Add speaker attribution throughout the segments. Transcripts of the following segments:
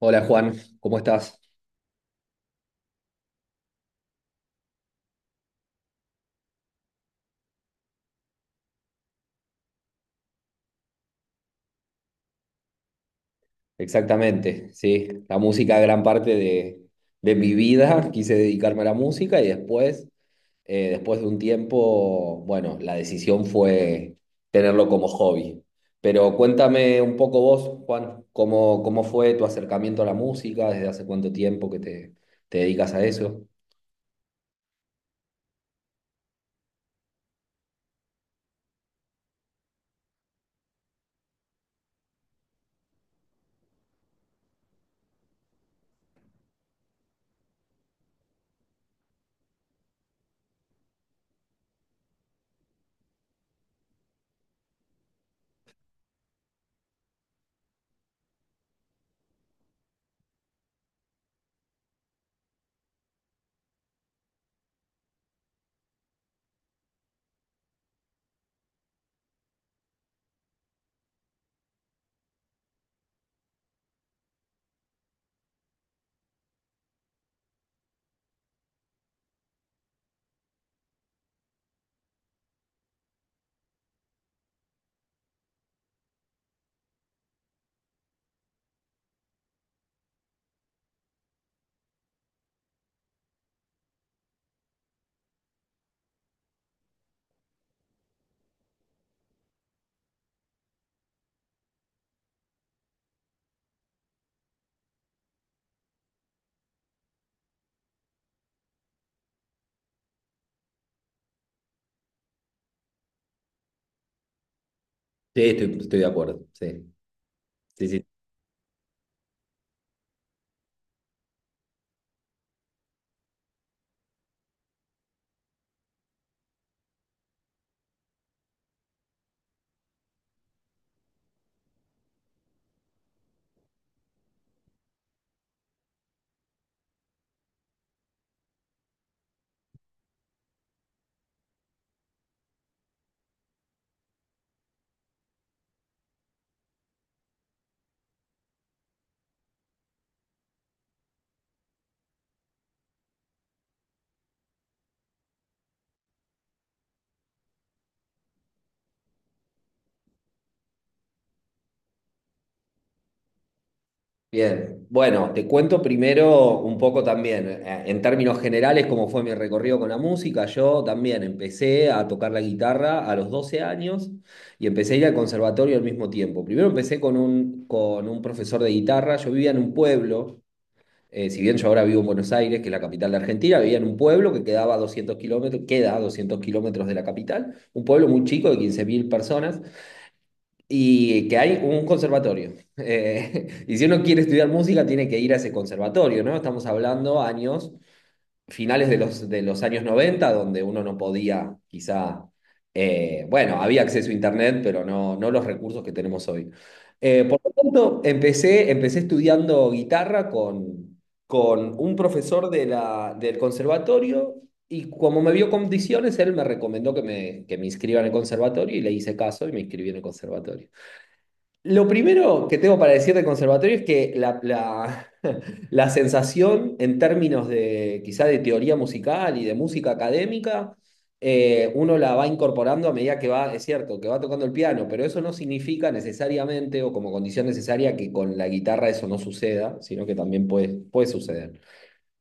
Speaker 1: Hola Juan, ¿cómo estás? Exactamente, sí, la música gran parte de mi vida, quise dedicarme a la música y después, después de un tiempo, bueno, la decisión fue tenerlo como hobby. Pero cuéntame un poco vos, Juan, ¿cómo fue tu acercamiento a la música? ¿Desde hace cuánto tiempo que te dedicas a eso? Sí, estoy de acuerdo, sí, sí, sí. Bien, bueno, te cuento primero un poco también, en términos generales, cómo fue mi recorrido con la música. Yo también empecé a tocar la guitarra a los 12 años y empecé a ir al conservatorio al mismo tiempo. Primero empecé con un profesor de guitarra. Yo vivía en un pueblo. Si bien yo ahora vivo en Buenos Aires, que es la capital de Argentina, vivía en un pueblo que quedaba a 200 kilómetros, queda a 200 kilómetros de la capital, un pueblo muy chico de 15.000 personas y que hay un conservatorio. Y si uno quiere estudiar música, tiene que ir a ese conservatorio, ¿no? Estamos hablando años, finales de los años 90, donde uno no podía, quizá, bueno, había acceso a Internet, pero no los recursos que tenemos hoy. Por lo tanto, empecé estudiando guitarra con un profesor de del conservatorio. Y como me vio condiciones, él me recomendó que me inscriba en el conservatorio, y le hice caso y me inscribí en el conservatorio. Lo primero que tengo para decir del conservatorio es que la sensación en términos de quizá de teoría musical y de música académica, uno la va incorporando a medida que va, es cierto, que va tocando el piano, pero eso no significa necesariamente o como condición necesaria que con la guitarra eso no suceda, sino que también puede suceder.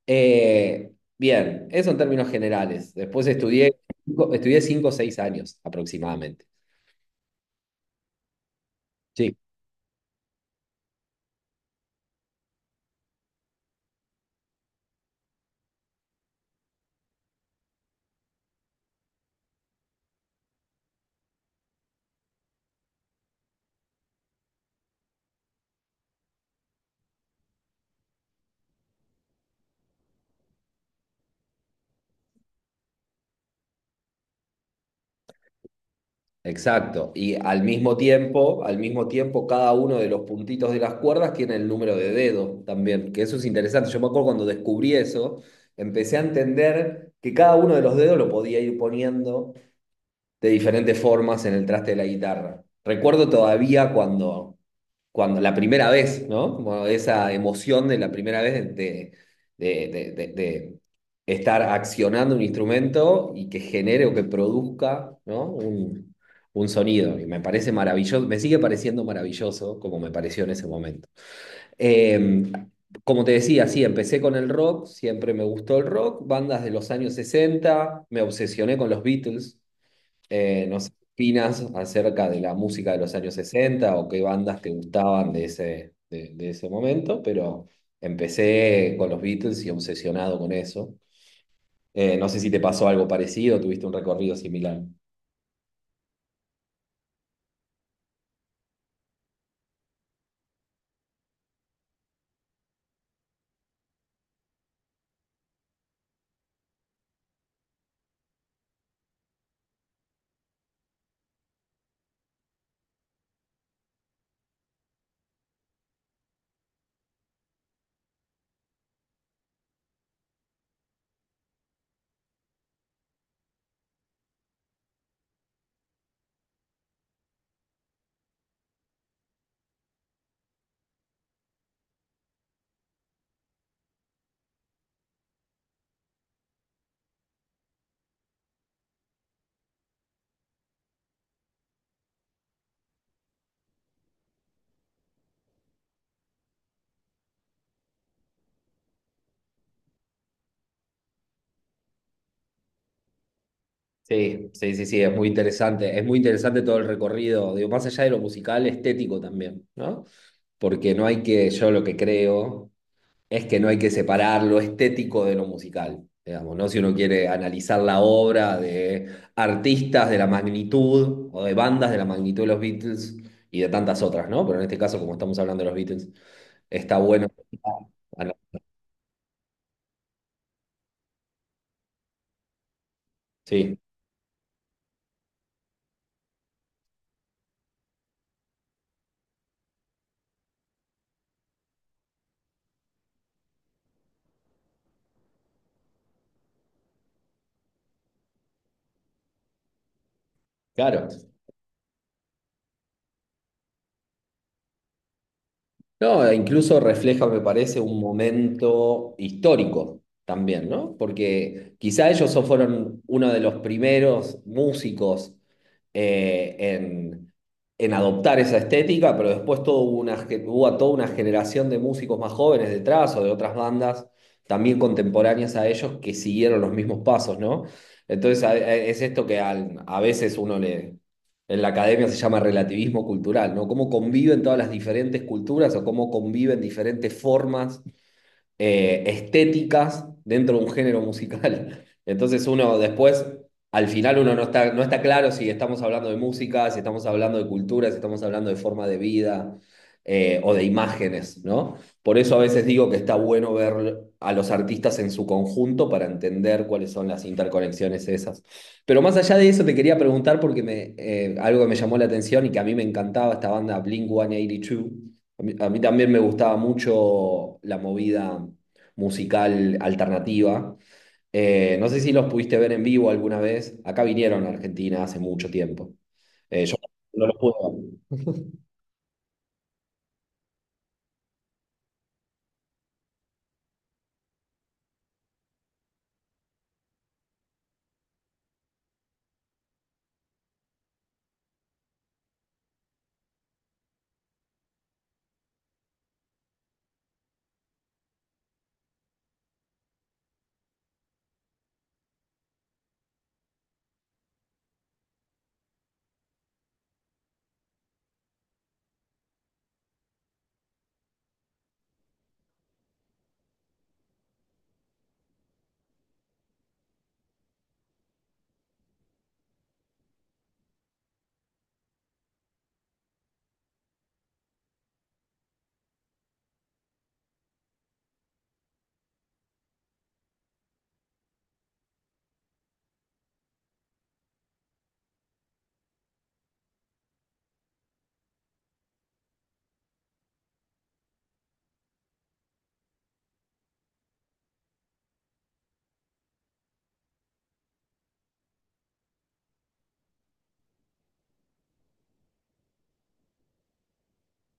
Speaker 1: Eh, Bien, eso en términos generales. Después estudié 5 o 6 años aproximadamente. Sí. Exacto. Y al mismo tiempo, cada uno de los puntitos de las cuerdas tiene el número de dedo también, que eso es interesante. Yo me acuerdo cuando descubrí eso, empecé a entender que cada uno de los dedos lo podía ir poniendo de diferentes formas en el traste de la guitarra. Recuerdo todavía cuando la primera vez, ¿no? Como esa emoción de la primera vez de estar accionando un instrumento y que genere o que produzca, ¿no? un sonido. Y me parece maravilloso, me sigue pareciendo maravilloso como me pareció en ese momento. Eh, Como te decía, sí, empecé con el rock, siempre me gustó el rock, bandas de los años 60, me obsesioné con los Beatles. No sé, ¿qué opinas acerca de la música de los años 60 o qué bandas te gustaban de ese momento? Pero empecé con los Beatles y obsesionado con eso. No sé si te pasó algo parecido, tuviste un recorrido similar. Sí, sí, sí, sí, es muy interesante. Es muy interesante todo el recorrido, digo, más allá de lo musical, estético también, ¿no? Porque no hay que, yo lo que creo es que no hay que separar lo estético de lo musical, digamos, ¿no? Si uno quiere analizar la obra de artistas de la magnitud o de bandas de la magnitud de los Beatles y de tantas otras, ¿no? Pero en este caso, como estamos hablando de los Beatles, está bueno. Ah, ah, no. Sí, claro. No, incluso refleja, me parece, un momento histórico también, ¿no? Porque quizá ellos fueron uno de los primeros músicos, eh, en, en, adoptar esa estética, pero después todo hubo a toda una generación de músicos más jóvenes detrás o de otras bandas también contemporáneas a ellos que siguieron los mismos pasos, ¿no? Entonces es esto que a veces uno le en la academia se llama relativismo cultural, ¿no? Cómo conviven todas las diferentes culturas o cómo conviven diferentes formas estéticas dentro de un género musical. Entonces uno después, al final uno no está claro si estamos hablando de música, si estamos hablando de cultura, si estamos hablando de forma de vida, o de imágenes, ¿no? Por eso a veces digo que está bueno ver a los artistas en su conjunto para entender cuáles son las interconexiones esas. Pero más allá de eso te quería preguntar porque algo que me llamó la atención y que a mí me encantaba esta banda Blink-182, a mí también me gustaba mucho la movida musical alternativa. No sé si los pudiste ver en vivo alguna vez. Acá vinieron a Argentina hace mucho tiempo. Yo no los pude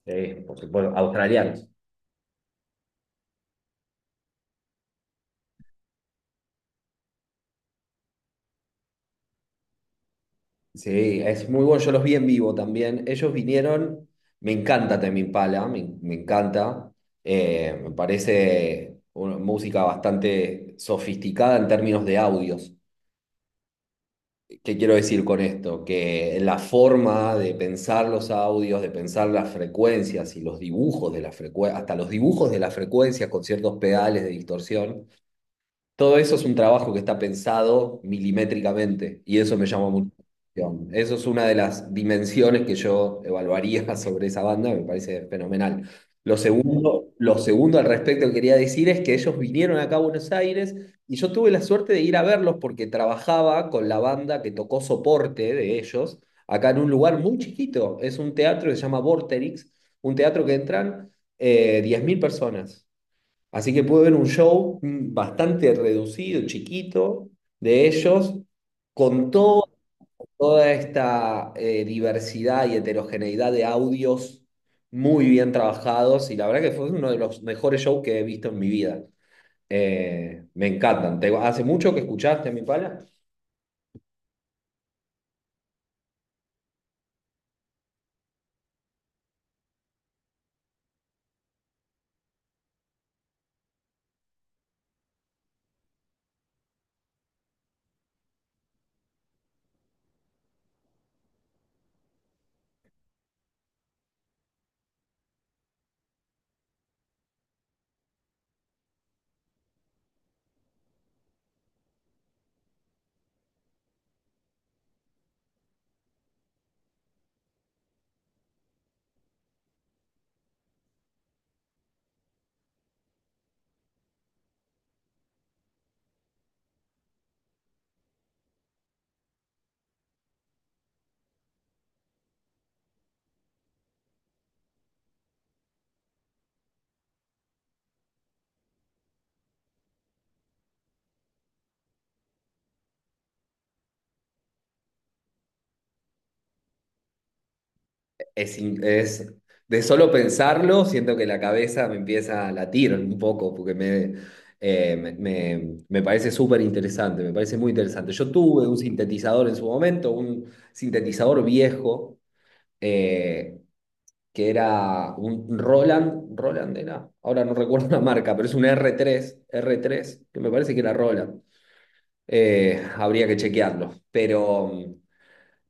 Speaker 1: ver. Sí, por supuesto, australianos. Sí, es muy bueno. Yo los vi en vivo también. Ellos vinieron. Me encanta Tame Impala, me encanta. Me parece una música bastante sofisticada en términos de audios. ¿Qué quiero decir con esto? Que la forma de pensar los audios, de pensar las frecuencias y los dibujos de la frecuencia, hasta los dibujos de las frecuencias con ciertos pedales de distorsión, todo eso es un trabajo que está pensado milimétricamente y eso me llama mucho la atención. Eso es una de las dimensiones que yo evaluaría sobre esa banda, me parece fenomenal. Lo segundo al respecto que quería decir es que ellos vinieron acá a Buenos Aires y yo tuve la suerte de ir a verlos porque trabajaba con la banda que tocó soporte de ellos acá en un lugar muy chiquito. Es un teatro que se llama Vorterix, un teatro que entran, 10.000 personas. Así que pude ver un show, bastante reducido, chiquito, de ellos, con toda esta, diversidad y heterogeneidad de audios muy bien trabajados. Y la verdad que fue uno de los mejores shows que he visto en mi vida. Me encantan. ¿Hace mucho que escuchaste a mi pala? Es, in- es- de solo pensarlo, siento que la cabeza me empieza a latir un poco, porque me parece súper interesante, me parece muy interesante. Yo tuve un sintetizador en su momento, un sintetizador viejo, eh, que era un Roland, era, ahora no recuerdo la marca, pero es un r tres que me parece que era Roland. Habría que chequearlo, pero...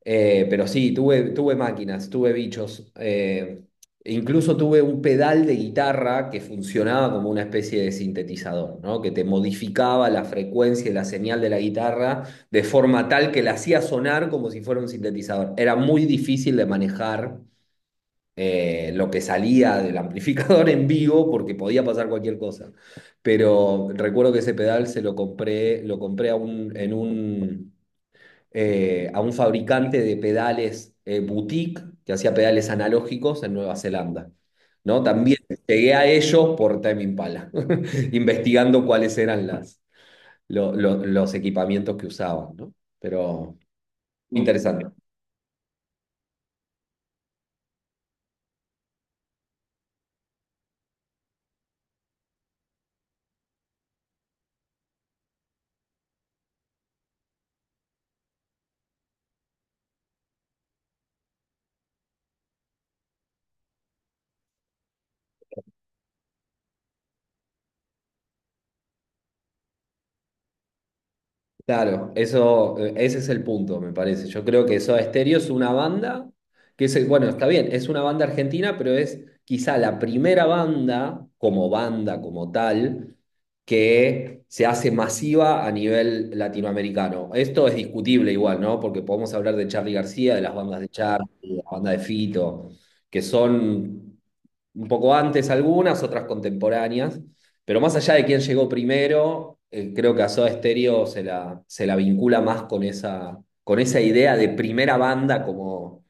Speaker 1: Pero sí, tuve máquinas, tuve bichos. E incluso tuve un pedal de guitarra que funcionaba como una especie de sintetizador, ¿no? Que te modificaba la frecuencia y la señal de la guitarra de forma tal que la hacía sonar como si fuera un sintetizador. Era muy difícil de manejar, lo que salía del amplificador en vivo, porque podía pasar cualquier cosa. Pero recuerdo que ese pedal se lo compré a un, en un, a un fabricante de pedales, boutique, que hacía pedales analógicos en Nueva Zelanda. ¿No? También llegué a ellos por Time Impala, investigando cuáles eran los equipamientos que usaban, ¿no? Pero muy interesante. Claro, ese es el punto, me parece. Yo creo que Soda Stereo es una banda que es, bueno, está bien, es una banda argentina, pero es quizá la primera banda, como tal, que se hace masiva a nivel latinoamericano. Esto es discutible igual, ¿no? Porque podemos hablar de Charly García, de las bandas de Charly, de la banda de Fito, que son un poco antes algunas, otras contemporáneas, pero más allá de quién llegó primero, creo que a Soda Stereo se la vincula más con esa, idea de primera banda como,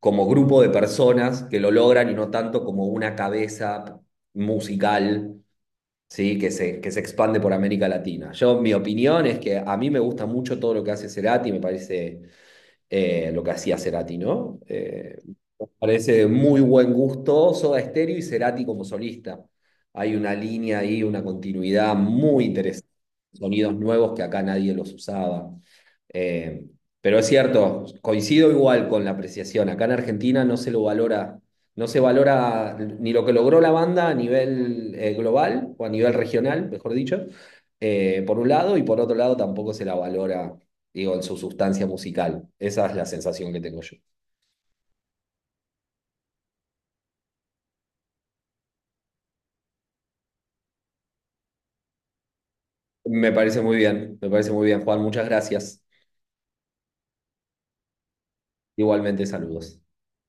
Speaker 1: como grupo de personas que lo logran y no tanto como una cabeza musical, ¿sí? que se expande por América Latina. Yo, mi opinión es que a mí me gusta mucho todo lo que hace Cerati, me parece, lo que hacía Cerati, ¿no? Me parece muy buen gusto Soda Stereo y Cerati como solista. Hay una línea ahí, una continuidad muy interesante, sonidos nuevos que acá nadie los usaba. Eh, pero es cierto, coincido igual con la apreciación. Acá en Argentina no se lo valora, no se valora ni lo que logró la banda a nivel, global, o a nivel regional, mejor dicho, por un lado, y por otro lado tampoco se la valora, digo, en su sustancia musical. Esa es la sensación que tengo yo. Me parece muy bien, me parece muy bien, Juan, muchas gracias. Igualmente, saludos.